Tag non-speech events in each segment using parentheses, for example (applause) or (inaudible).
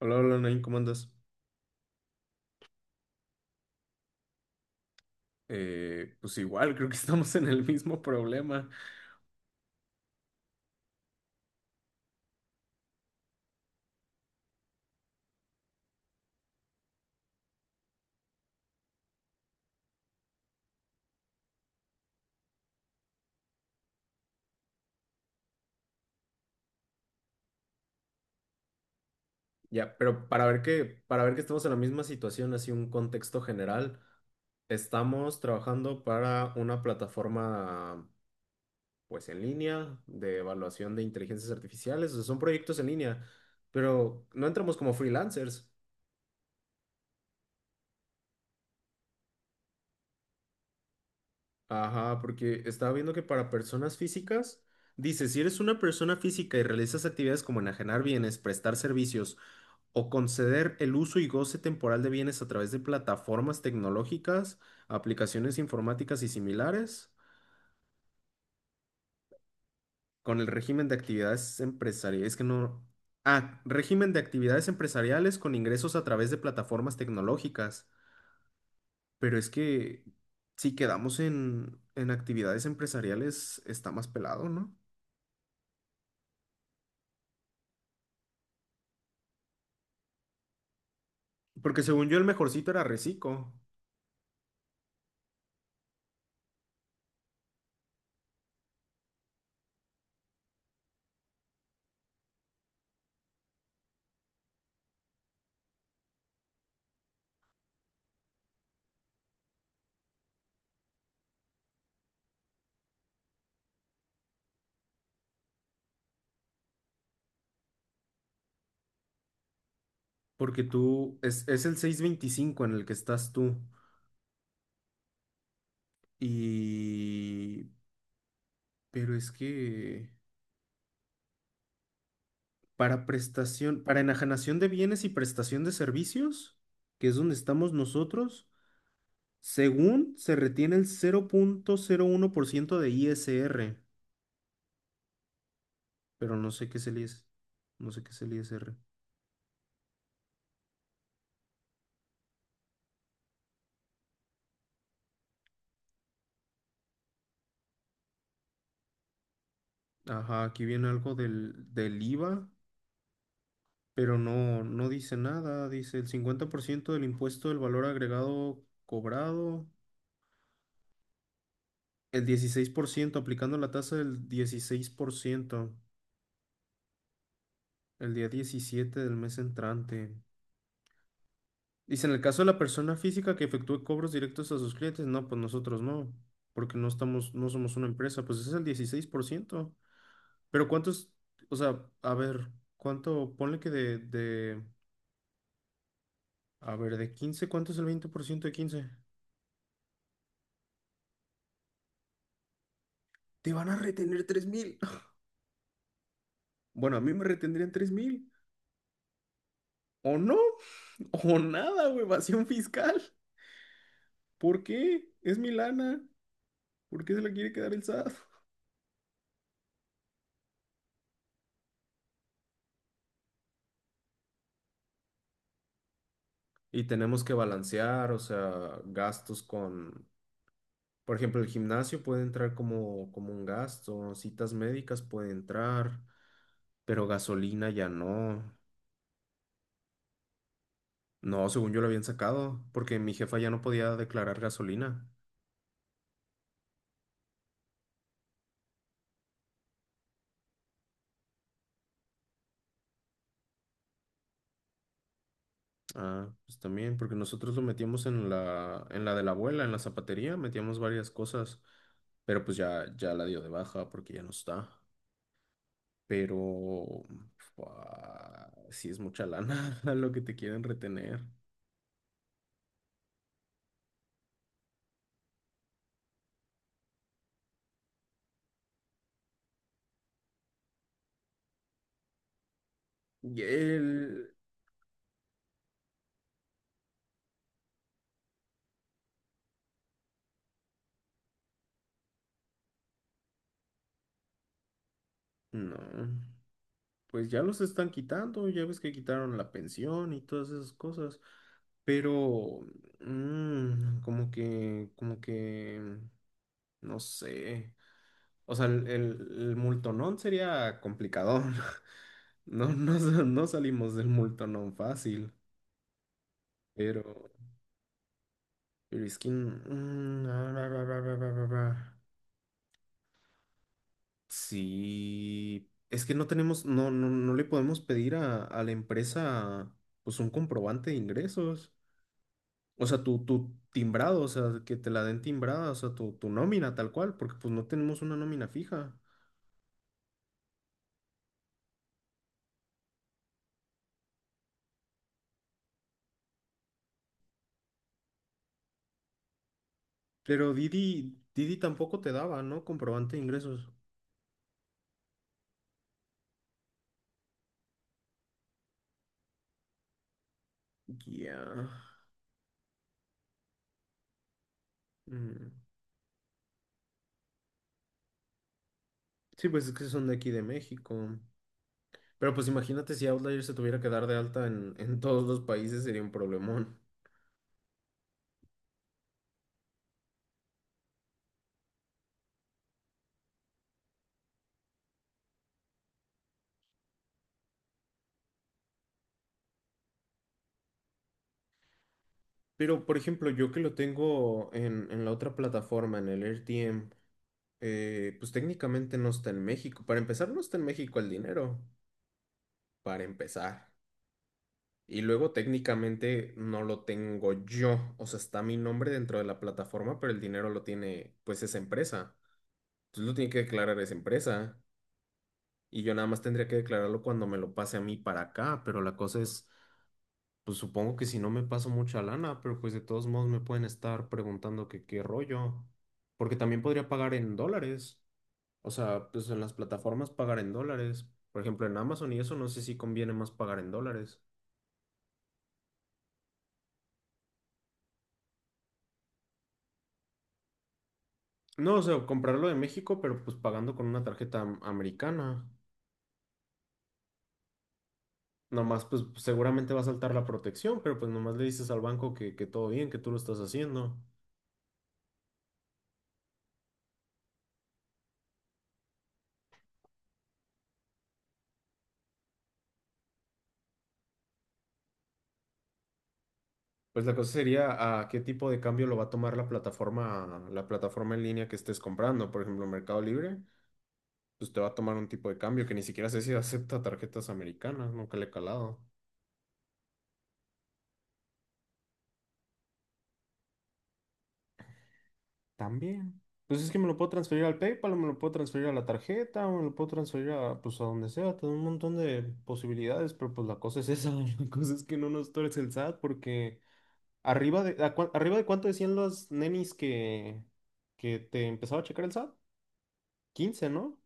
Hola, hola, Nain, ¿cómo andas? Pues igual, creo que (laughs) estamos en el mismo problema. Ya, pero para ver que estamos en la misma situación, así un contexto general, estamos trabajando para una plataforma, pues en línea, de evaluación de inteligencias artificiales, o sea, son proyectos en línea, pero no entramos como freelancers. Ajá, porque estaba viendo que para personas físicas, dice, si eres una persona física y realizas actividades como enajenar bienes, prestar servicios o conceder el uso y goce temporal de bienes a través de plataformas tecnológicas, aplicaciones informáticas y similares, con el régimen de actividades empresariales, es que no... Ah, régimen de actividades empresariales con ingresos a través de plataformas tecnológicas. Pero es que si quedamos en actividades empresariales, está más pelado, ¿no? Porque según yo el mejorcito era Recico, porque tú es el 625 en el que estás tú. Y... Pero es que para prestación, para enajenación de bienes y prestación de servicios, que es donde estamos nosotros, según se retiene el 0.01% de ISR, pero no sé qué es el ISR. No sé qué es el ISR. Ajá, aquí viene algo del IVA. Pero no, no dice nada. Dice el 50% del impuesto del valor agregado cobrado, el 16% aplicando la tasa del 16% el día 17 del mes entrante. Dice, en el caso de la persona física que efectúe cobros directos a sus clientes, no, pues nosotros no, porque no estamos, no somos una empresa, pues es el dieciséis por ciento. Pero cuántos, o sea, a ver, cuánto, ponle que a ver, de 15, ¿cuánto es el 20% de quince? Te van a retener tres mil. Bueno, a mí me retendrían 3 mil. O no, (laughs) o nada, o evasión fiscal. ¿Por qué? Es mi lana. ¿Por qué se la quiere quedar el SAT? (laughs) Y tenemos que balancear, o sea, gastos con, por ejemplo, el gimnasio puede entrar como un gasto, citas médicas puede entrar, pero gasolina ya no. No, según yo lo habían sacado, porque mi jefa ya no podía declarar gasolina. Ah, pues también, porque nosotros lo metíamos en la de la abuela, en la zapatería, metíamos varias cosas, pero pues ya la dio de baja porque ya no está. Pero fua, sí es mucha lana (laughs) lo que te quieren retener. Y él, no, pues ya los están quitando, ya ves que quitaron la pensión y todas esas cosas. Pero, como que, no sé. O sea, el multonón sería complicado. (laughs) No, no, no salimos del multonón fácil, pero... Pero es que... mm, ah, ra, ra, ra, ra, ra, ra, ra. Sí, es que no tenemos, no le podemos pedir a la empresa pues un comprobante de ingresos. O sea, tu timbrado, o sea, que te la den timbrada, o sea, tu nómina tal cual, porque pues no tenemos una nómina fija. Pero Didi tampoco te daba, ¿no? Comprobante de ingresos. Ya. Mm. Sí, pues es que son de aquí de México. Pero pues imagínate si Outlier se tuviera que dar de alta en (laughs) todos los países, sería un problemón. Pero por ejemplo, yo que lo tengo en la otra plataforma, en el RTM, pues técnicamente no está en México. Para empezar, no está en México el dinero. Para empezar. Y luego técnicamente no lo tengo yo. O sea, está mi nombre dentro de la plataforma, pero el dinero lo tiene pues esa empresa. Entonces lo tiene que declarar esa empresa. Y yo nada más tendría que declararlo cuando me lo pase a mí para acá, pero la cosa es, pues supongo que si no me paso mucha lana, pero pues de todos modos me pueden estar preguntando que qué rollo, porque también podría pagar en dólares, o sea, pues en las plataformas pagar en dólares, por ejemplo en Amazon y eso, no sé si conviene más pagar en dólares. No, o sea, comprarlo de México, pero pues pagando con una tarjeta americana. Nomás, pues seguramente va a saltar la protección, pero pues nomás le dices al banco que todo bien, que tú lo estás haciendo. Pues la cosa sería a qué tipo de cambio lo va a tomar la plataforma en línea que estés comprando. Por ejemplo, Mercado Libre, pues te va a tomar un tipo de cambio que ni siquiera sé si (laughs) acepta tarjetas americanas, nunca le he calado. También. Pues es que me lo puedo transferir al PayPal, o me lo puedo transferir a la tarjeta, o me lo puedo transferir a, pues, a donde sea. Tengo un montón de posibilidades, pero pues la cosa es esa. (laughs) La cosa es que no nos torce el SAT, porque arriba de, ¿a arriba de cuánto decían los nenis que te empezaba a checar el SAT? 15, ¿no?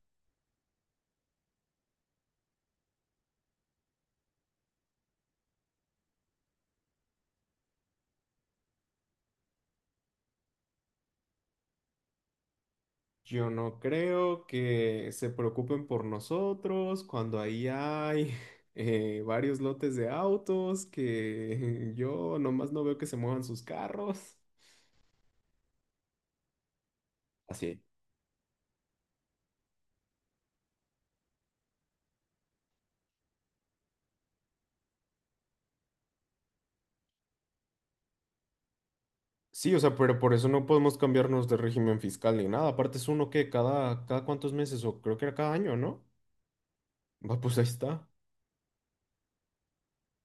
Yo no creo que se preocupen por nosotros cuando ahí hay (laughs) varios lotes de autos que (laughs) yo nomás no veo que se muevan sus carros. Así es. Sí, o sea, pero por eso no podemos cambiarnos de régimen fiscal ni nada. Aparte es uno que cada cuántos meses, o creo que era cada año, ¿no? Va, pues ahí está.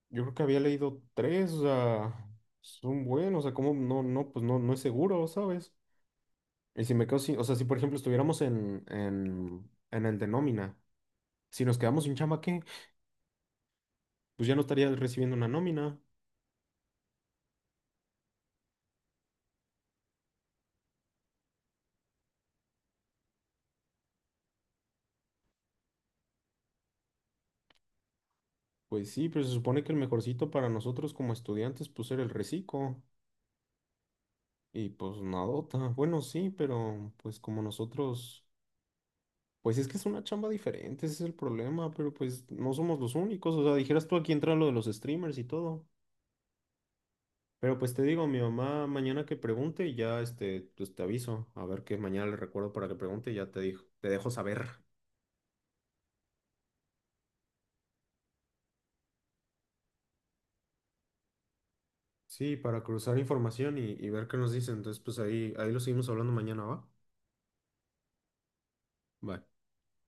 Yo creo que había leído tres, o sea, son buenos, o sea, como pues no es seguro, ¿sabes? Y si me quedo sin, o sea, si por ejemplo estuviéramos en el de nómina, si nos quedamos sin chamba, ¿qué? Pues ya no estaría recibiendo una nómina. Pues sí, pero se supone que el mejorcito para nosotros como estudiantes, pues era el reciclo. Y pues nadota. Bueno, sí, pero pues como nosotros, pues es que es una chamba diferente, ese es el problema, pero pues no somos los únicos. O sea, dijeras tú aquí entra lo de los streamers y todo. Pero pues te digo, mi mamá mañana que pregunte, ya este, pues te aviso. A ver qué mañana le recuerdo para que pregunte y ya te dijo, te dejo saber. Sí, para cruzar información y ver qué nos dicen. Entonces, pues ahí lo seguimos hablando mañana, ¿va? Bye.